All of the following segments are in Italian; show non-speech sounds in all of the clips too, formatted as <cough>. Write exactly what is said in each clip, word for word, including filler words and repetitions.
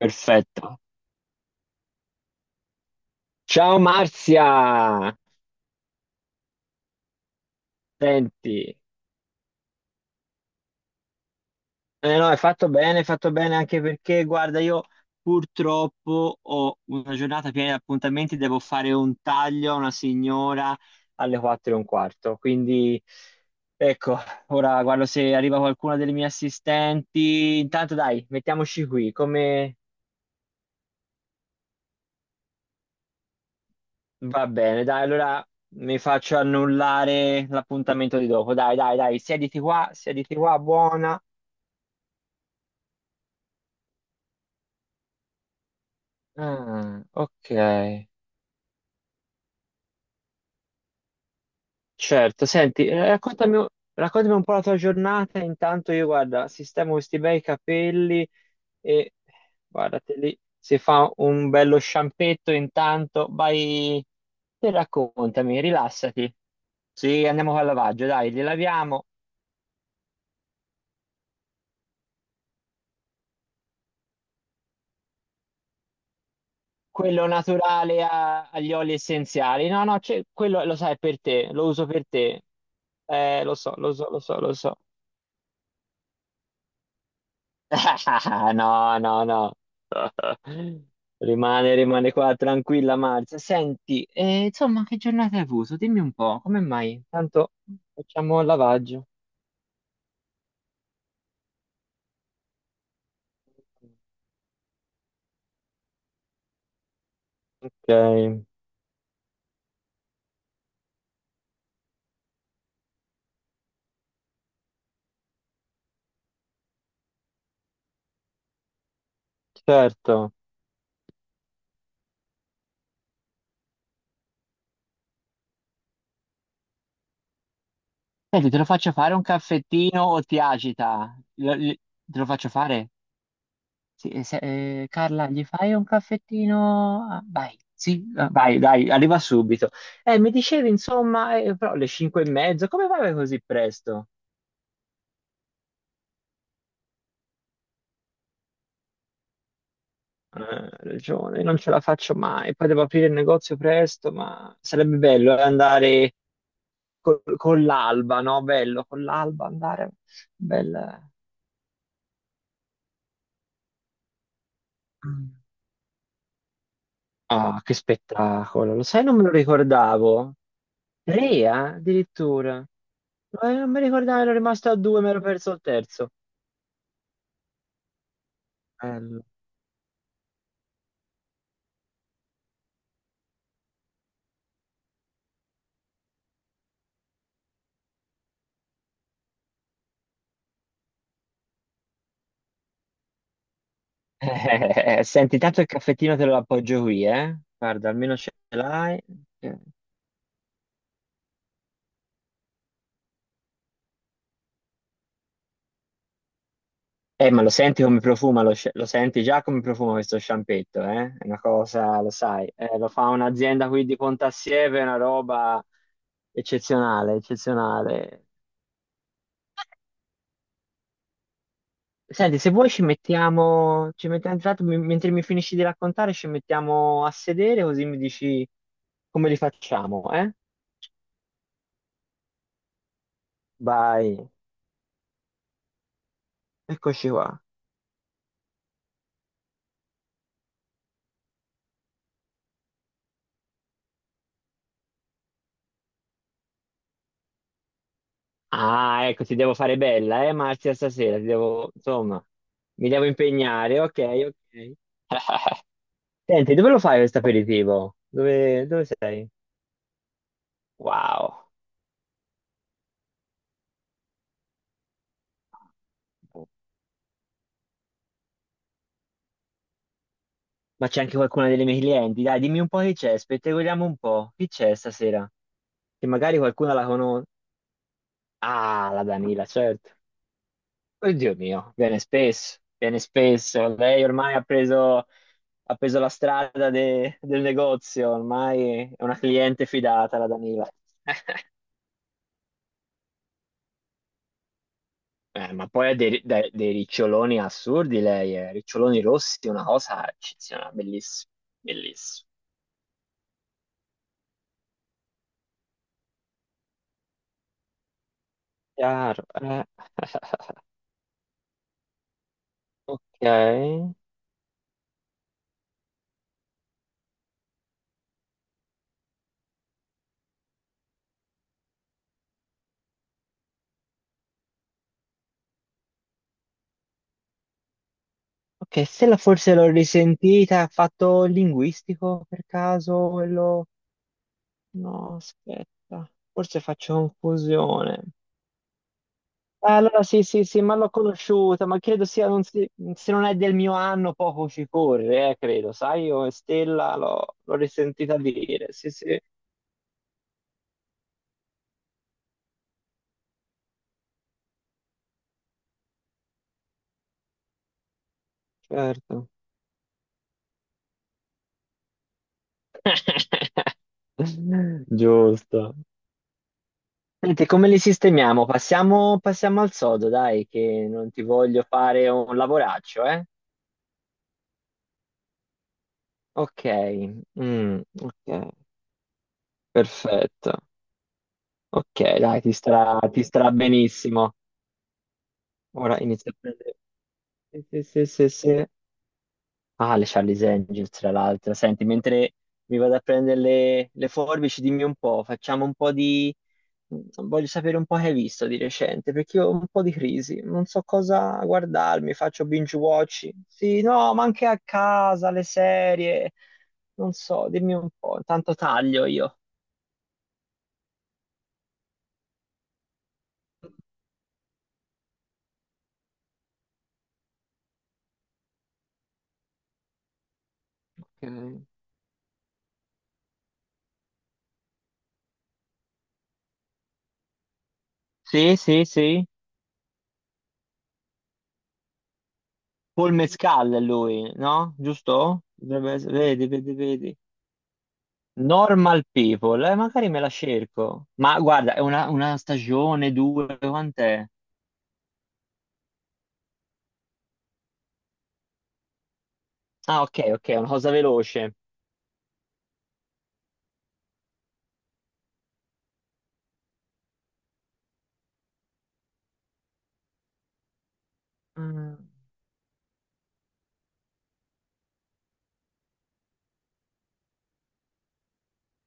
Perfetto. Ciao Marzia! Senti, eh no, hai fatto bene, hai fatto bene anche perché, guarda, io purtroppo ho una giornata piena di appuntamenti, devo fare un taglio a una signora alle quattro e un quarto, quindi ecco, ora guardo se arriva qualcuna delle mie assistenti. Intanto dai, mettiamoci qui, come va bene? Dai, allora mi faccio annullare l'appuntamento di dopo. Dai, dai, dai, siediti qua, siediti qua, buona. Ah, ok, certo. Senti, eh, raccontami, raccontami un po' la tua giornata. Intanto io, guarda, sistemo questi bei capelli e guardate lì, si fa un bello sciampetto intanto. Vai e raccontami, rilassati. Sì, andiamo al lavaggio, dai, li laviamo. Quello naturale a- agli oli essenziali. No, no, c'è- quello lo sai è per te, lo uso per te. Eh, lo so, lo so, lo so, lo so. <laughs> No, no, no. Rimane, rimane qua tranquilla Marzia. Senti, eh, insomma, che giornata hai avuto? Dimmi un po', come mai? Tanto facciamo il lavaggio. Ok, certo. Senti, te lo faccio fare un caffettino o ti agita? Lo- li- te lo faccio fare? Sì, eh, se- eh, Carla, gli fai un caffettino? Ah, vai, sì, ah, vai, dai, arriva subito. Eh, mi dicevi, insomma, eh, però le cinque e mezzo, come vai così presto? Eh, ragione, io non ce la faccio mai. Poi devo aprire il negozio presto, ma sarebbe bello eh, andare co- con l'alba, no? Bello, con l'alba andare. Bel... Ah, che spettacolo! Lo sai, non me lo ricordavo. Tre, eh, addirittura. Eh, non mi ricordavo, ero rimasto a due, mi ero perso il terzo. Bello. Eh, senti, tanto il caffettino te lo appoggio qui, eh? Guarda, almeno ce l'hai. Eh, ma lo senti come profuma, lo, sce- lo senti già come profuma questo sciampetto, eh? È una cosa, lo sai, eh, lo fa un'azienda qui di Pontassieve, è una roba eccezionale, eccezionale. Senti, se vuoi ci mettiamo, ci mettiamo intanto, mi- mentre mi finisci di raccontare, ci mettiamo a sedere così mi dici come li facciamo, eh? Vai, eccoci qua. Ah, ecco, ti devo fare bella, eh, Marzia, stasera, ti devo, insomma, mi devo impegnare, ok, ok. Senti, dove lo fai questo aperitivo? Dove, dove sei? Wow, boh, ma c'è anche qualcuna delle mie clienti. Dai, dimmi un po' chi c'è, spettacoliamo un po'. Chi c'è stasera? Che magari qualcuna la conosce. Ah, la Danila, certo. Oddio mio, viene spesso, viene spesso. Lei ormai ha preso, ha preso la strada de- del negozio, ormai è una cliente fidata, la Danila. <laughs> Eh, ma poi ha dei, dei- dei riccioloni assurdi lei, eh. Riccioloni rossi, una cosa eccezionale, bellissima, bellissima. Chiaro, eh. <laughs> Ok. Ok, Stella forse l'ho risentita, ha fatto linguistico per caso quello... No, aspetta, forse faccio confusione. Ah, allora sì, sì, sì, ma l'ho conosciuta, ma credo sia, non si- se non è del mio anno poco ci corre, eh, credo, sai, io Stella l'ho l'ho risentita dire, sì, sì, certo. <laughs> Giusto. Senti, come li sistemiamo? Passiamo, passiamo al sodo, dai, che non ti voglio fare un lavoraccio, eh? Ok, mm, ok, perfetto. Ok, dai, ti starà, ti starà benissimo. Ora inizia a prendere. Sì, sì, sì, sì, sì. Ah, le Charlie's Angels, tra l'altro. Senti, mentre mi vado a prendere le, le forbici, dimmi un po', facciamo un po' di... mm, Voglio sapere un po' che hai visto di recente, perché io ho un po' di crisi, non so cosa guardarmi, faccio binge watch. Sì, no, ma anche a casa, le serie, non so, dimmi un po', intanto taglio io. Ok. Sì, sì, sì. Paul Mescal è lui, no? Giusto? Dovrebbe essere- Vedi, vedi, vedi. Normal People, eh, magari me la cerco. Ma guarda, è una, una stagione, due, quant'è? Ah, ok, ok, è una cosa veloce. Mm,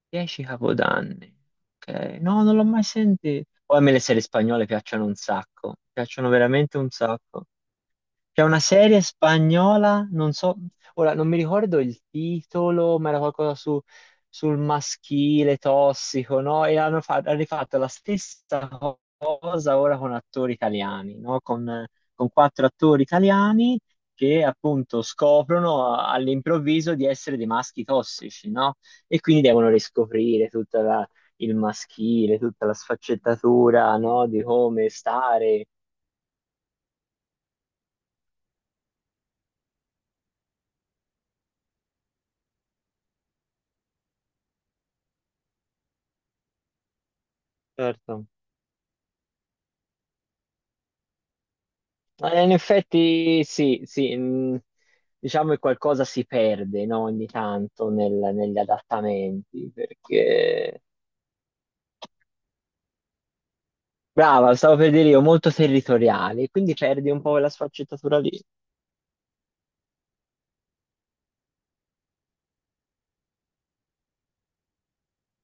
Dieci capodanni. Ok, no, non l'ho mai sentito. Poi a me le serie spagnole piacciono un sacco, piacciono veramente un sacco. C'è una serie spagnola, non so, ora non mi ricordo il titolo, ma era qualcosa su, sul maschile tossico, no? E hanno, fa- hanno rifatto la stessa co- cosa ora con attori italiani, no? Con, con quattro attori italiani che appunto scoprono a- all'improvviso di essere dei maschi tossici, no? E quindi devono riscoprire tutta la- il maschile, tutta la sfaccettatura, no? Di come stare. Certo. Eh, in effetti sì, sì, mh, diciamo che qualcosa si perde, no, ogni tanto nel- negli adattamenti, perché brava, stavo per dire io, molto territoriali, quindi perdi un po' quella sfaccettatura lì.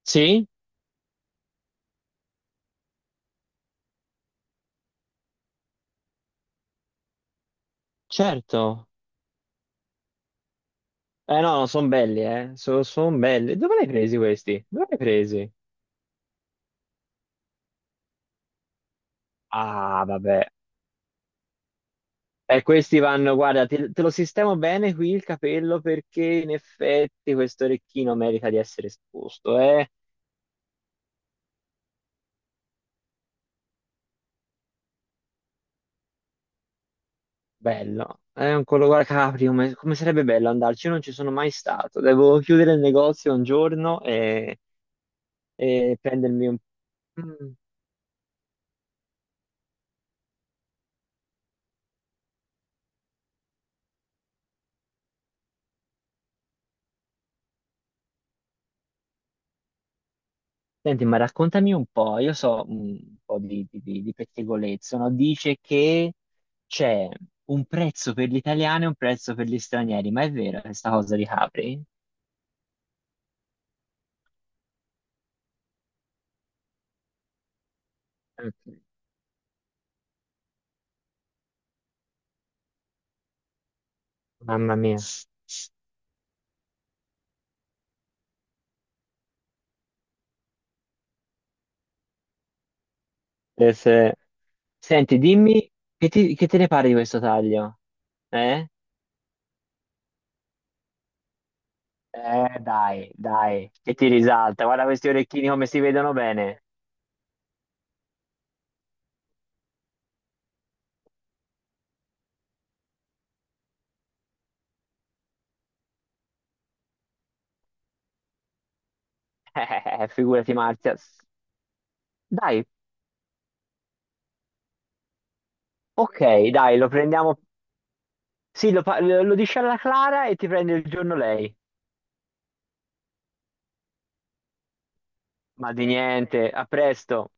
Sì, certo. Eh no, sono belli, eh, sono belli. Dove li hai presi questi? Dove li hai presi? Ah, vabbè. E questi vanno, guarda, te, te lo sistemo bene qui il capello perché in effetti questo orecchino merita di essere esposto, eh. Bello, è un colo Capri, come, come sarebbe bello andarci? Io non ci sono mai stato, devo chiudere il negozio un giorno e, e prendermi un... Mm. Senti, ma raccontami un po', io so mm, un po' di, di, di- di pettegolezzo, no? Dice che c'è un prezzo per gli italiani e un prezzo per gli stranieri, ma è vero questa cosa di Capri? Ok. Mamma mia. Eh, se- Senti, dimmi, che, ti- che te ne pare di questo taglio? Eh? Eh, dai, dai, che ti risalta. Guarda questi orecchini come si vedono bene. Eh, figurati, Marzia. Dai, ok, dai, lo prendiamo. Sì, lo, pa- lo dici alla Clara e ti prende il giorno lei. Ma di niente, a presto.